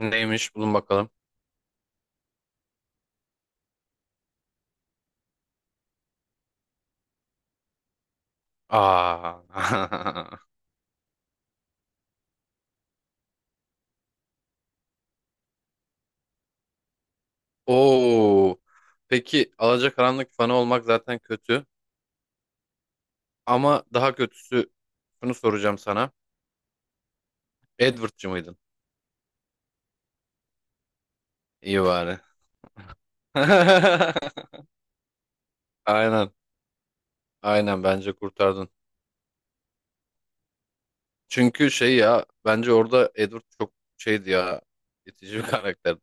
Neymiş? Bulun bakalım. Aa. Oo. Peki Alacakaranlık fanı olmak zaten kötü. Ama daha kötüsü şunu soracağım sana. Edward'cı mıydın? İyi bari. Aynen. Aynen bence kurtardın. Çünkü şey ya bence orada Edward çok şeydi ya, itici bir karakterdi.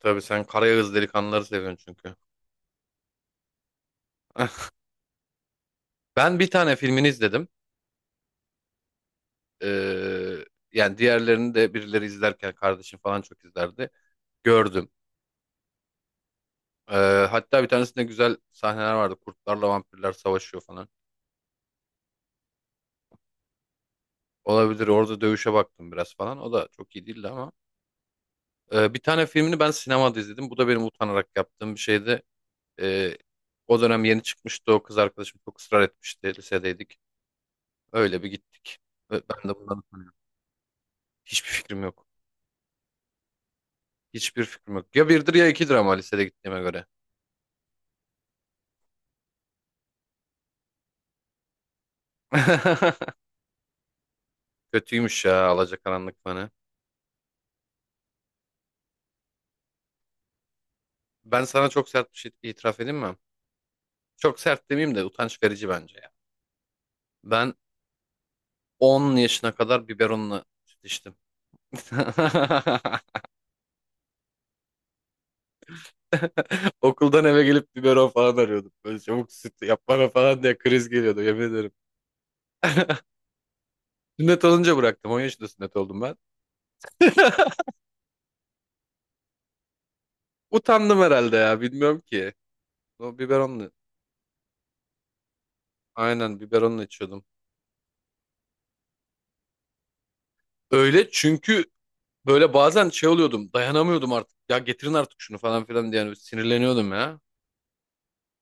Tabii sen Karayağız delikanlıları seviyorsun çünkü. Ben bir tane filmini izledim. Ee, Yani diğerlerini de birileri izlerken, kardeşim falan çok izlerdi. Gördüm. Ee, Hatta bir tanesinde güzel sahneler vardı. Kurtlarla vampirler savaşıyor falan. Olabilir. Orada dövüşe baktım biraz falan. O da çok iyi değildi ama. Bir tane filmini ben sinemada izledim. Bu da benim utanarak yaptığım bir şeydi. Ee, O dönem yeni çıkmıştı. O kız arkadaşım çok ısrar etmişti. Lisedeydik. Öyle bir gittik. Ve ben de bundan hiçbir fikrim yok. Hiçbir fikrim yok. Ya birdir ya ikidir ama, lisede gittiğime göre. Kötüymüş ya Alacakaranlık fanı. Ben sana çok sert bir şey itiraf edeyim mi? Çok sert demeyeyim de utanç verici bence. Ben 10 yaşına kadar biberonla süt içtim. Okuldan eve gelip biberon falan arıyordum. Böyle çabuk süt yap bana falan diye kriz geliyordu, yemin ederim. Sünnet olunca bıraktım. 10 yaşında sünnet oldum ben. Utandım herhalde ya, bilmiyorum ki. O biberonla, aynen biberonla içiyordum. Öyle çünkü böyle bazen şey oluyordum, dayanamıyordum artık. Ya getirin artık şunu falan filan diye, yani sinirleniyordum ya.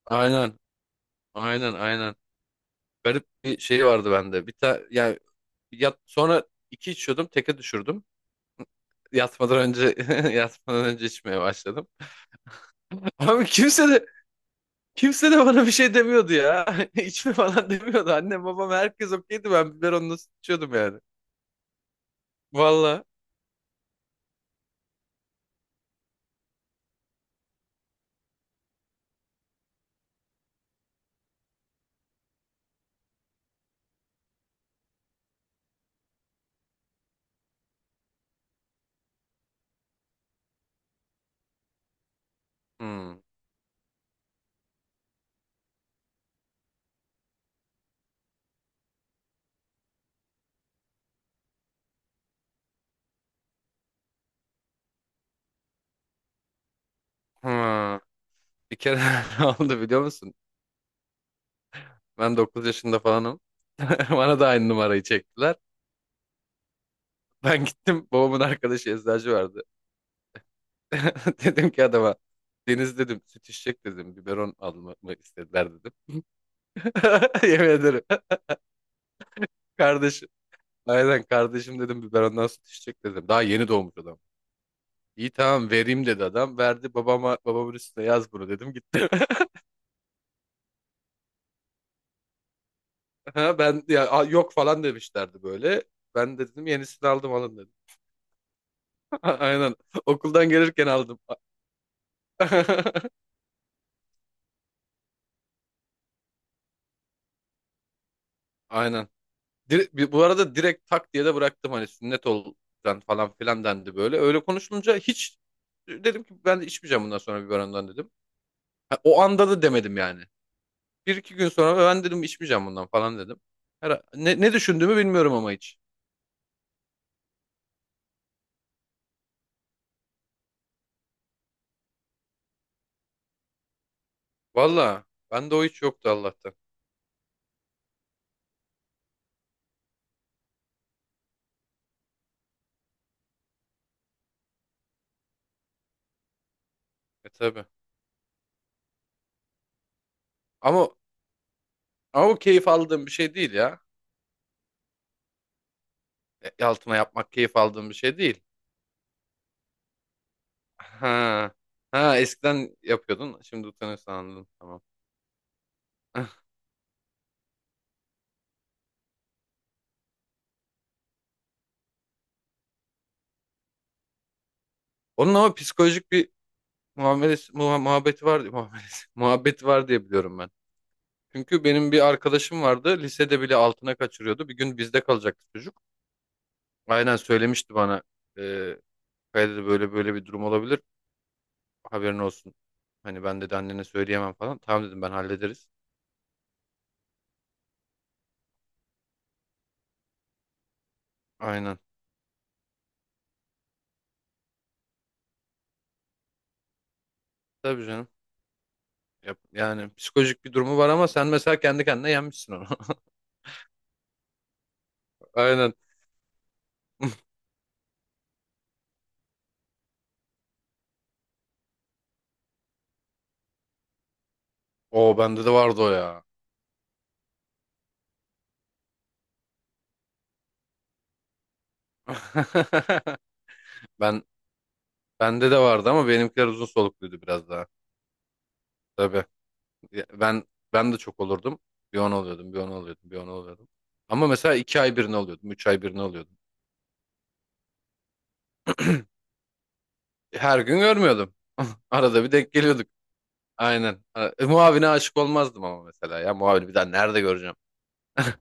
Aynen, aynen, aynen. Garip bir şey vardı bende. Bir ta Yani yat, sonra iki içiyordum, teke düşürdüm. Yatmadan önce yatmadan önce içmeye başladım. Abi kimse de bana bir şey demiyordu ya. İçme falan demiyordu. Annem babam herkes okeydi. Ben biberonla nasıl içiyordum yani. Valla. Hmm. Hmm. Bir kere ne oldu biliyor musun? Ben 9 yaşında falanım. Bana da aynı numarayı çektiler. Ben gittim, babamın arkadaşı eczacı vardı. Dedim ki adama, Deniz dedim süt içecek dedim, biberon almamı istediler dedim. Yemin ederim. Kardeşim. Aynen kardeşim dedim biberondan süt içecek dedim. Daha yeni doğmuş adam. İyi tamam vereyim dedi adam. Verdi, babama, babamın üstüne yaz bunu dedim, gitti. Ha, ben ya "Aa, yok" falan demişlerdi böyle. Ben de dedim yenisini aldım, alın dedim. Aynen. Okuldan gelirken aldım. Aynen. Bu arada direkt tak diye de bıraktım. Hani sünnet ol lan falan filan dendi böyle. Öyle konuşulunca hiç, dedim ki ben de içmeyeceğim bundan sonra biberondan dedim. Ha, o anda da demedim yani. Bir iki gün sonra ben dedim içmeyeceğim bundan falan dedim. Ne düşündüğümü bilmiyorum ama hiç. Valla, bende o hiç yoktu Allah'tan. E tabii. Ama, ama o keyif aldığım bir şey değil ya. Altına yapmak keyif aldığım bir şey değil. Ha. Ha, eskiden yapıyordun. Şimdi utanıyorsun, anladım. Tamam. Onun ama psikolojik bir muamelesi, muhabbeti var diye muamelesi, muhabbeti var diye biliyorum ben. Çünkü benim bir arkadaşım vardı. Lisede bile altına kaçırıyordu. Bir gün bizde kalacaktı çocuk. Aynen söylemişti bana. E, Kaya dedi böyle böyle bir durum olabilir. Haberin olsun. Hani ben dedi, annene söyleyemem falan. Tamam dedim ben, hallederiz. Aynen. Tabii canım. Yani psikolojik bir durumu var ama sen mesela kendi kendine yenmişsin onu. Aynen. O bende de vardı o ya. Ben Bende de vardı ama benimkiler uzun solukluydu biraz daha. Tabii. Ya, ben de çok olurdum. Bir on oluyordum, bir on oluyordum, bir on oluyordum. Ama mesela iki ay birini oluyordum, üç ay birini oluyordum. Her gün görmüyordum. Arada bir denk geliyorduk. Aynen. Muavine aşık olmazdım ama, mesela ya, muavini bir daha nerede göreceğim?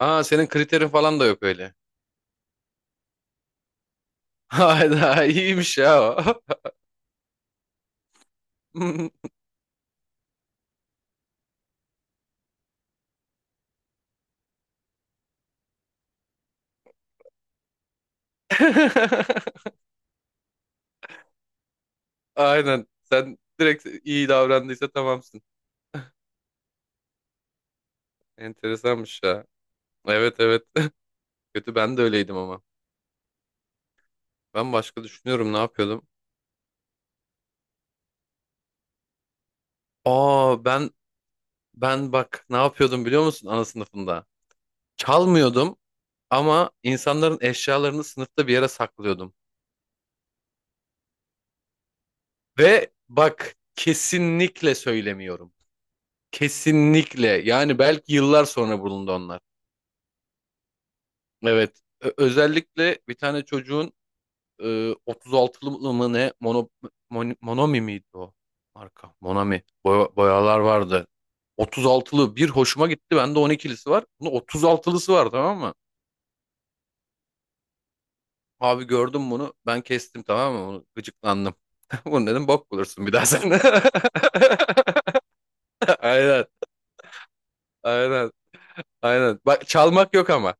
Aa, senin kriterin falan da yok öyle. Hayda, iyiymiş ya o. Aynen. Sen direkt iyi davrandıysa tamamsın. Enteresanmış ya. Evet, evet. Kötü, ben de öyleydim ama. Ben başka düşünüyorum, ne yapıyordum? Aa, ben bak ne yapıyordum biliyor musun ana sınıfında? Çalmıyordum ama insanların eşyalarını sınıfta bir yere saklıyordum. Ve bak, kesinlikle söylemiyorum. Kesinlikle. Yani belki yıllar sonra bulundu onlar. Evet. Özellikle bir tane çocuğun e, 36'lı mı ne, mono, Monomi miydi o marka? Monami. Boyalar vardı. 36'lı bir hoşuma gitti. Bende 12'lisi var. Bunda 36'lısı var, tamam mı? Abi gördüm bunu. Ben kestim, tamam mı? Onu gıcıklandım. Bunu dedim, bok bulursun bir daha sen. Aynen. Aynen. Aynen. Bak, çalmak yok ama.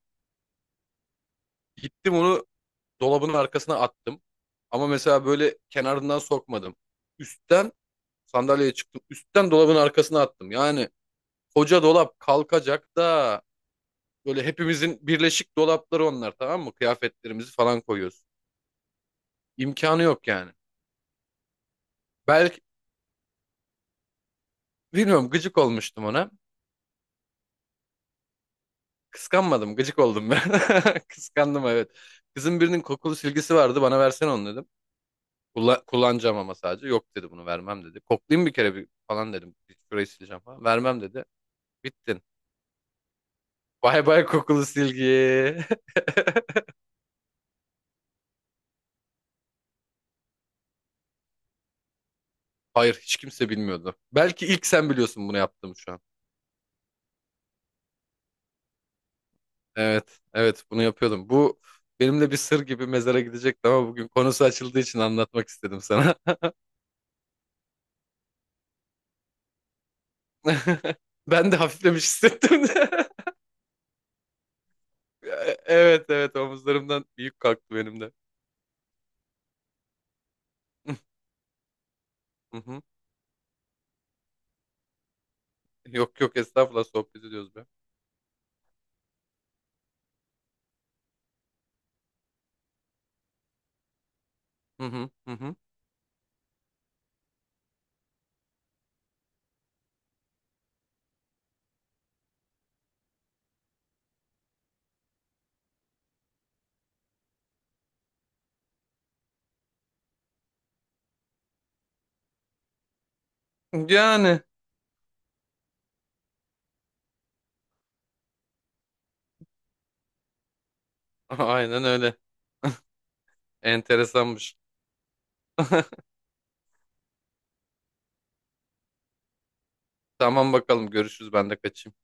Gittim onu dolabın arkasına attım. Ama mesela böyle kenarından sokmadım. Üstten sandalyeye çıktım. Üstten dolabın arkasına attım. Yani koca dolap kalkacak da, böyle hepimizin birleşik dolapları onlar, tamam mı? Kıyafetlerimizi falan koyuyoruz. İmkanı yok yani. Belki, bilmiyorum, gıcık olmuştum ona. Kıskanmadım, gıcık oldum ben. Kıskandım, evet. Kızın birinin kokulu silgisi vardı, bana versene onu dedim. Kullanacağım ama sadece. Yok dedi, bunu vermem dedi. Koklayayım bir kere bir falan dedim. Bir şurayı sileceğim falan. Vermem dedi. Bittin. Bay bay kokulu silgi. Hayır, hiç kimse bilmiyordu. Belki ilk sen biliyorsun bunu yaptığımı şu an. Evet, evet bunu yapıyordum. Bu benimle bir sır gibi mezara gidecekti ama bugün konusu açıldığı için anlatmak istedim sana. Ben de hafiflemiş hissettim. Evet, evet, omuzlarımdan büyük kalktı benim de. Hı hı. Yok, yok, estağfurullah, sohbet ediyoruz be. Hı hı hı hı. Yani aynen öyle. Enteresanmış. Tamam bakalım, görüşürüz, ben de kaçayım.